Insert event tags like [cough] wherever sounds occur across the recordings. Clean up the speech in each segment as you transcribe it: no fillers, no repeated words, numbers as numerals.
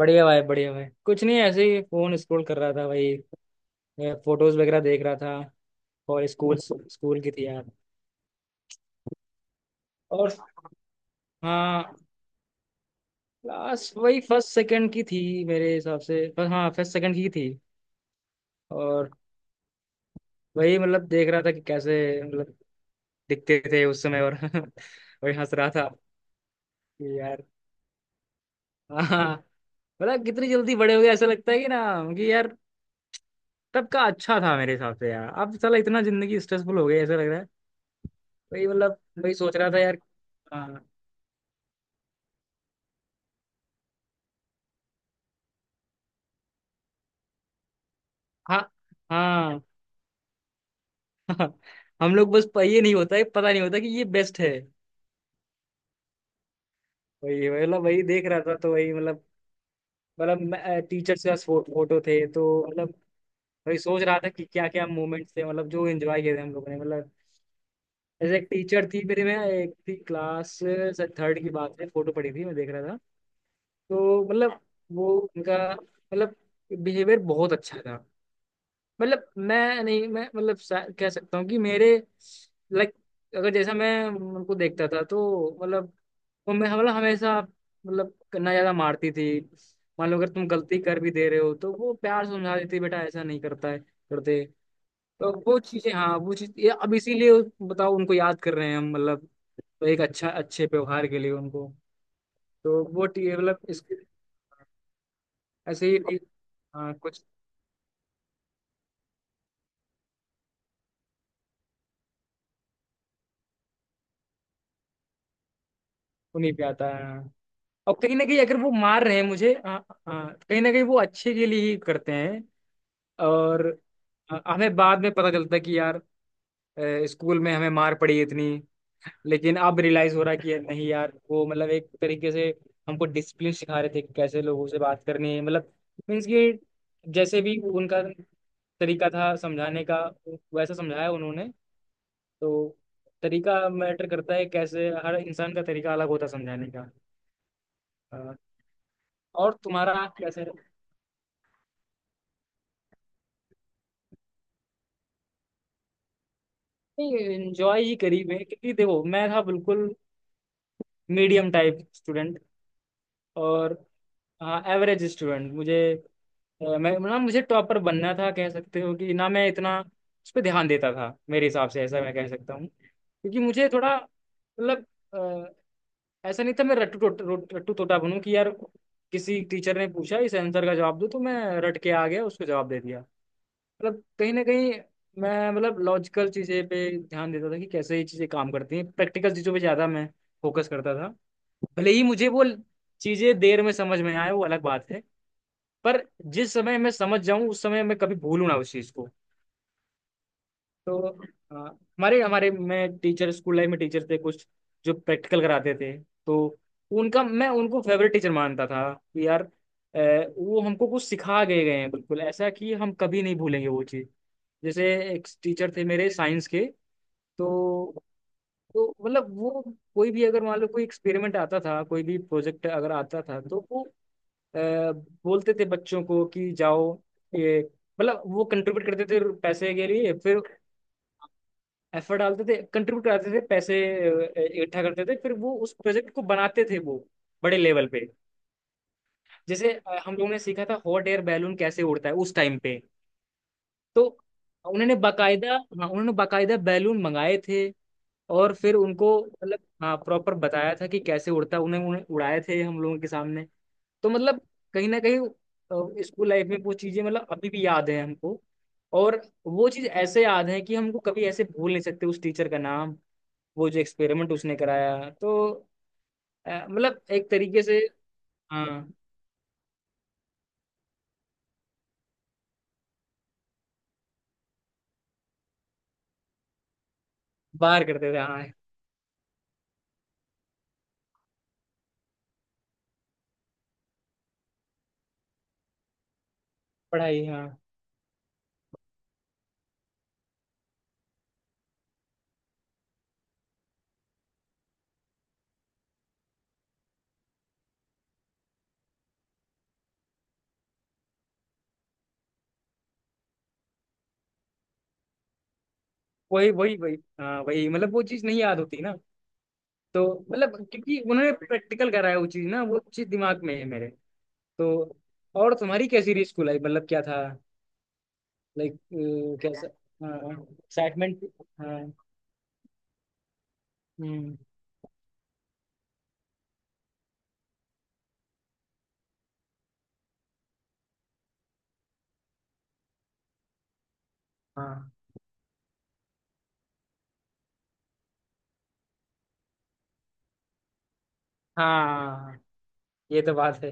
बढ़िया भाई बढ़िया भाई, कुछ नहीं, ऐसे ही फोन स्क्रॉल कर रहा था भाई। फोटोज वगैरह देख रहा था। और स्कूल स्कूल की थी यार। और हाँ, क्लास वही फर्स्ट सेकंड की थी मेरे हिसाब से। पर हाँ, फर्स्ट सेकंड की थी। और वही मतलब देख रहा था कि कैसे मतलब दिखते थे उस समय, और [laughs] वही हंस रहा था कि यार। हाँ, मतलब कितनी जल्दी बड़े हो गए, ऐसा लगता है कि ना, कि यार तब का अच्छा था मेरे हिसाब से यार। अब साला इतना जिंदगी स्ट्रेसफुल हो गई, ऐसा लग रहा है। वही मतलब वही सोच रहा था यार। हाँ, हाँ, हाँ, [laughs] हाँ। हम लोग बस ये नहीं होता है, पता नहीं होता कि ये बेस्ट है। वही वही मतलब वही देख रहा था तो वही मतलब मतलब टीचर से फोटो थे, तो मतलब वही सोच रहा था कि क्या क्या मोमेंट्स थे, मतलब जो एंजॉय किए थे हम लोगों ने मतलब। ऐसे एक टीचर थी मेरे में, एक थी क्लास थर्ड की बात है, फोटो पड़ी थी, मैं देख रहा था। तो मतलब वो उनका मतलब बिहेवियर बहुत अच्छा था। मतलब मैं नहीं, मैं मतलब कह सकता हूँ कि मेरे लाइक, अगर जैसा मैं उनको देखता था तो मतलब वो, मैं मतलब हमेशा मतलब ना ज्यादा मारती थी। मान लो अगर तुम गलती कर भी दे रहे हो तो वो प्यार से समझा देती, बेटा ऐसा नहीं करता है करते। तो वो चीजें, हाँ, वो चीज ये अब इसीलिए बताओ उनको याद कर रहे हैं हम, मतलब एक अच्छा अच्छे व्यवहार के लिए उनको। तो वो मतलब इस ऐसे ही हाँ कुछ उन्हीं पे आता है। और कहीं ना कहीं अगर वो मार रहे हैं मुझे, आ, आ, कहीं ना कहीं वो अच्छे के लिए ही करते हैं। और हमें बाद में पता चलता है कि यार, स्कूल में हमें मार पड़ी इतनी, लेकिन अब रियलाइज हो रहा है कि यार नहीं यार, वो मतलब एक तरीके से हमको डिसिप्लिन सिखा रहे थे कि कैसे लोगों से बात करनी है, मतलब मीन्स कि जैसे भी उनका तरीका था समझाने का, वैसा समझाया उन्होंने। तो तरीका मैटर करता है, कैसे हर इंसान का तरीका अलग होता है समझाने का। अ, और तुम्हारा कैसे? नहीं, एंजॉय ही करी मैं, क्योंकि देखो मैं था बिल्कुल मीडियम टाइप स्टूडेंट। और हाँ, एवरेज स्टूडेंट। मुझे मैं ना, मुझे टॉपर बनना था, कह सकते हो कि ना मैं इतना उस पर ध्यान देता था, मेरे हिसाब से ऐसा मैं कह सकता हूँ, क्योंकि मुझे थोड़ा मतलब अ, ऐसा नहीं था मैं रट्टू तोता बनूं कि यार किसी टीचर ने पूछा इस आंसर का जवाब दो तो मैं रट के आ गया, उसको जवाब दे दिया। मतलब कहीं ना कहीं मैं मतलब लॉजिकल चीज़ें पे ध्यान देता था कि कैसे ये चीज़ें काम करती हैं, प्रैक्टिकल चीज़ों पे ज़्यादा मैं फोकस करता था। भले ही मुझे वो चीज़ें देर में समझ में आए वो अलग बात है, पर जिस समय मैं समझ जाऊं उस समय मैं कभी भूलूं ना उस चीज़ को। तो हमारे हमारे में टीचर स्कूल लाइफ में टीचर थे कुछ जो प्रैक्टिकल कराते थे। तो उनका, मैं उनको फेवरेट टीचर मानता था कि यार, वो हमको कुछ सिखा गए गए हैं बिल्कुल ऐसा कि हम कभी नहीं भूलेंगे वो चीज़। जैसे एक टीचर थे मेरे साइंस के। तो तो मतलब वो कोई भी अगर मान लो कोई एक्सपेरिमेंट आता था, कोई भी प्रोजेक्ट अगर आता था तो वो बोलते थे बच्चों को कि जाओ ये मतलब वो कंट्रीब्यूट करते थे पैसे के लिए। फिर एफर्ट डालते थे, कंट्रीब्यूट करते थे पैसे इकट्ठा करते थे, फिर वो उस प्रोजेक्ट को बनाते थे, वो बड़े लेवल पे। जैसे हम लोगों ने सीखा था हॉट एयर बैलून कैसे उड़ता है उस टाइम पे। तो उन्होंने बाकायदा, हाँ उन्होंने बाकायदा बैलून मंगाए थे, और फिर उनको मतलब, हाँ प्रॉपर बताया था कि कैसे उड़ता है, उन्हें उन्हें उड़ाए थे हम लोगों के सामने। तो मतलब कहीं ना कहीं स्कूल लाइफ में वो चीजें मतलब अभी भी याद है हमको। और वो चीज ऐसे याद है कि हमको कभी ऐसे भूल नहीं सकते उस टीचर का नाम, वो जो एक्सपेरिमेंट उसने कराया। तो मतलब एक तरीके से, हाँ। बाहर करते थे, हाँ। पढ़ाई, हाँ। वही वही वही, हाँ, वही मतलब वो चीज़ नहीं याद होती ना। तो मतलब क्योंकि उन्होंने प्रैक्टिकल कराया, वो चीज़ ना, वो चीज़ दिमाग में है मेरे। तो और तुम्हारी कैसी रही स्कूल लाइफ, मतलब क्या था लाइक, कैसा? हाँ, एक्साइटमेंट। हाँ। हम्म। हाँ, हाँ। ये तो बात है।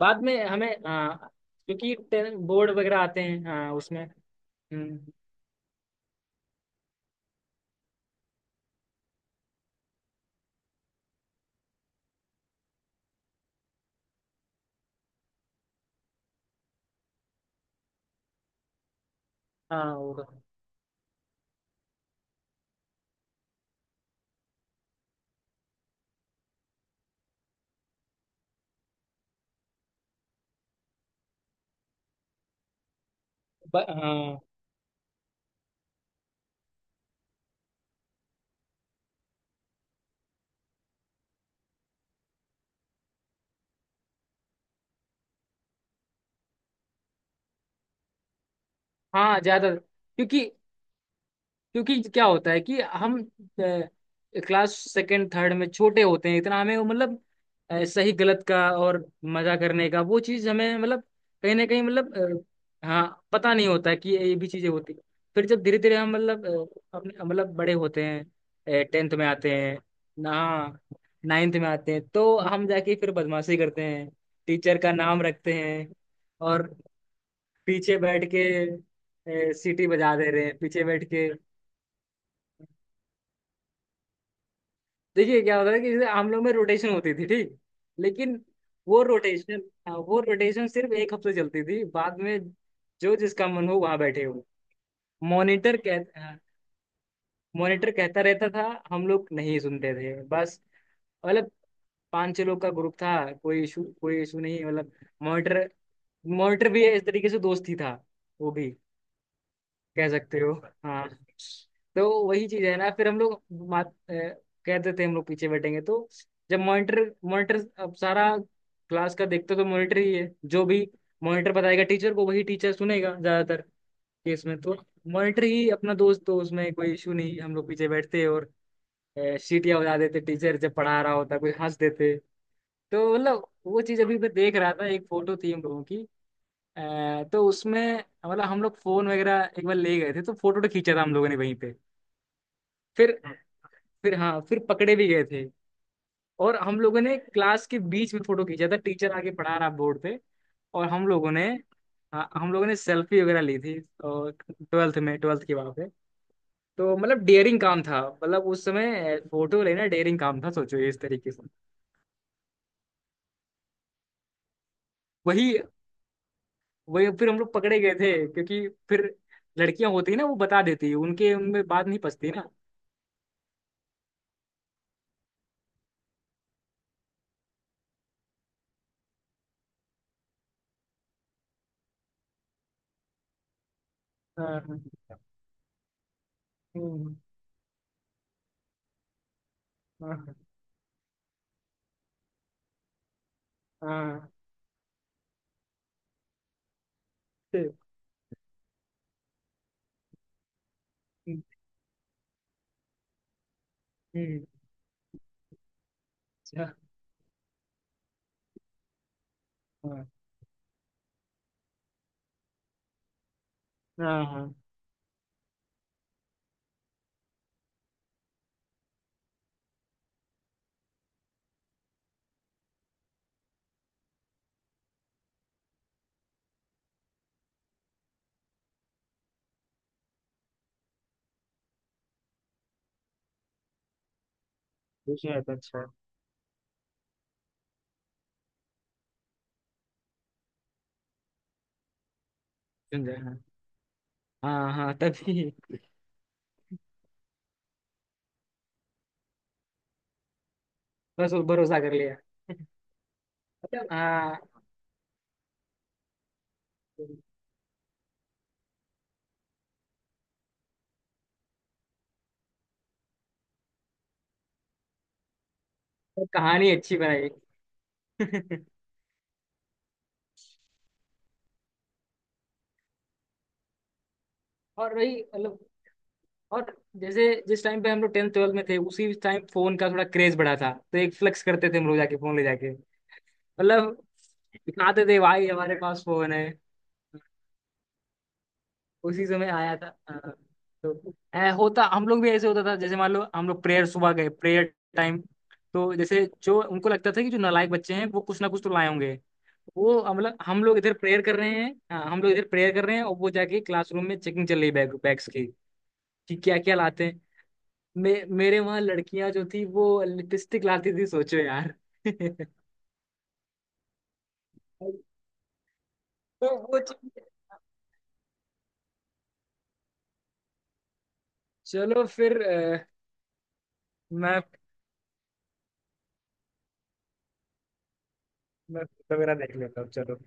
बाद में हमें, हाँ, क्योंकि बोर्ड वगैरह आते हैं, हाँ उसमें। हम्म। हाँ, होगा। हाँ, हाँ ज्यादा, क्योंकि क्योंकि क्या होता है कि हम क्लास सेकंड थर्ड में छोटे होते हैं, इतना हमें वो मतलब सही गलत का और मजा करने का वो चीज हमें मतलब कहीं ना कहीं मतलब हाँ, पता नहीं होता है कि ये भी चीजें होती हैं। फिर जब धीरे धीरे हम मतलब अपने मतलब बड़े होते हैं, टेंथ में आते हैं ना, नाइन्थ में आते हैं तो हम जाके फिर बदमाशी करते हैं। टीचर का नाम रखते हैं, और पीछे बैठ के सीटी बजा दे रहे हैं पीछे बैठ के। देखिए क्या होता है कि जैसे हम लोग में रोटेशन होती थी, ठीक, लेकिन वो रोटेशन, वो रोटेशन सिर्फ एक हफ्ते चलती थी, बाद में जो जिसका मन हो वहां बैठे हो। मॉनिटर कह मॉनिटर कहता रहता था, हम लोग नहीं सुनते थे बस। मतलब पांच छह लोग का ग्रुप था, कोई इशू नहीं मतलब। मॉनिटर मॉनिटर भी इस तरीके से दोस्त ही था वो भी, कह सकते हो। हाँ। तो वही चीज है ना, फिर हम लोग मात, अ, कहते थे हम लोग पीछे बैठेंगे, तो जब मॉनिटर मॉनिटर अब सारा क्लास का देखते तो मॉनिटर ही है, जो भी मॉनिटर बताएगा टीचर को वही टीचर सुनेगा ज्यादातर केस में, तो मॉनिटर ही अपना दोस्त, तो उसमें कोई इशू नहीं, हम लोग पीछे बैठते और सीटियां बजा देते, टीचर जब पढ़ा रहा होता कोई हंस देते। तो मतलब वो चीज अभी मैं देख रहा था, एक फोटो थी हम लोगों की। तो उसमें मतलब हम लोग फोन वगैरह एक बार ले गए थे, तो फोटो तो खींचा था हम लोगों ने वहीं पे। फिर, हाँ, फिर पकड़े भी गए थे। और हम लोगों ने क्लास के बीच में फोटो खींचा था, टीचर आके पढ़ा रहा बोर्ड पे, और हम लोगों ने, हाँ, हम लोगों ने सेल्फी वगैरह ली थी, और ट्वेल्थ में, ट्वेल्थ की, वहाँ पे। तो मतलब डेयरिंग काम था, मतलब उस समय फोटो लेना डेयरिंग काम था, सोचो इस तरीके से। वही वही फिर हम लोग पकड़े गए थे, क्योंकि फिर लड़कियां होती है ना, वो बता देती है, उनके उनमें बात नहीं पचती ना। हाँ। हम्म। हाँ, हाँ। फिर। हम्म। हम्म। अच्छा। हाँ, हाँ। हाँ, विषय तो अच्छा है, समझा हाँ हाँ हाँ, तभी। बस वो भरोसा कर लिया। मतलब हाँ। तो कहानी अच्छी बनाई। [laughs] और वही मतलब, और जैसे जिस टाइम पे हम लोग टेंथ ट्वेल्थ में थे उसी टाइम फोन का थोड़ा क्रेज बढ़ा था, तो एक फ्लेक्स करते थे हम लोग जाके, फोन ले जाके मतलब दिखाते थे भाई हमारे पास फोन है। उसी समय आया था, हाँ। तो होता हम लोग भी, ऐसे होता था जैसे मान लो हम लोग प्रेयर सुबह गए प्रेयर टाइम, तो जैसे जो उनको लगता था कि जो नालायक बच्चे हैं वो कुछ ना कुछ तो लाए होंगे, वो हम लोग, इधर प्रेयर कर रहे हैं, हाँ हम लोग इधर प्रेयर कर रहे हैं, और वो जाके क्लासरूम में चेकिंग चल रही है बैग्स की, कि क्या क्या लाते हैं। मेरे वहां लड़कियां जो थी वो लिपस्टिक लाती थी, सोचो यार। [laughs] तो वो चलो फिर, मैं, तो मेरा देख लेता हूँ, चलो।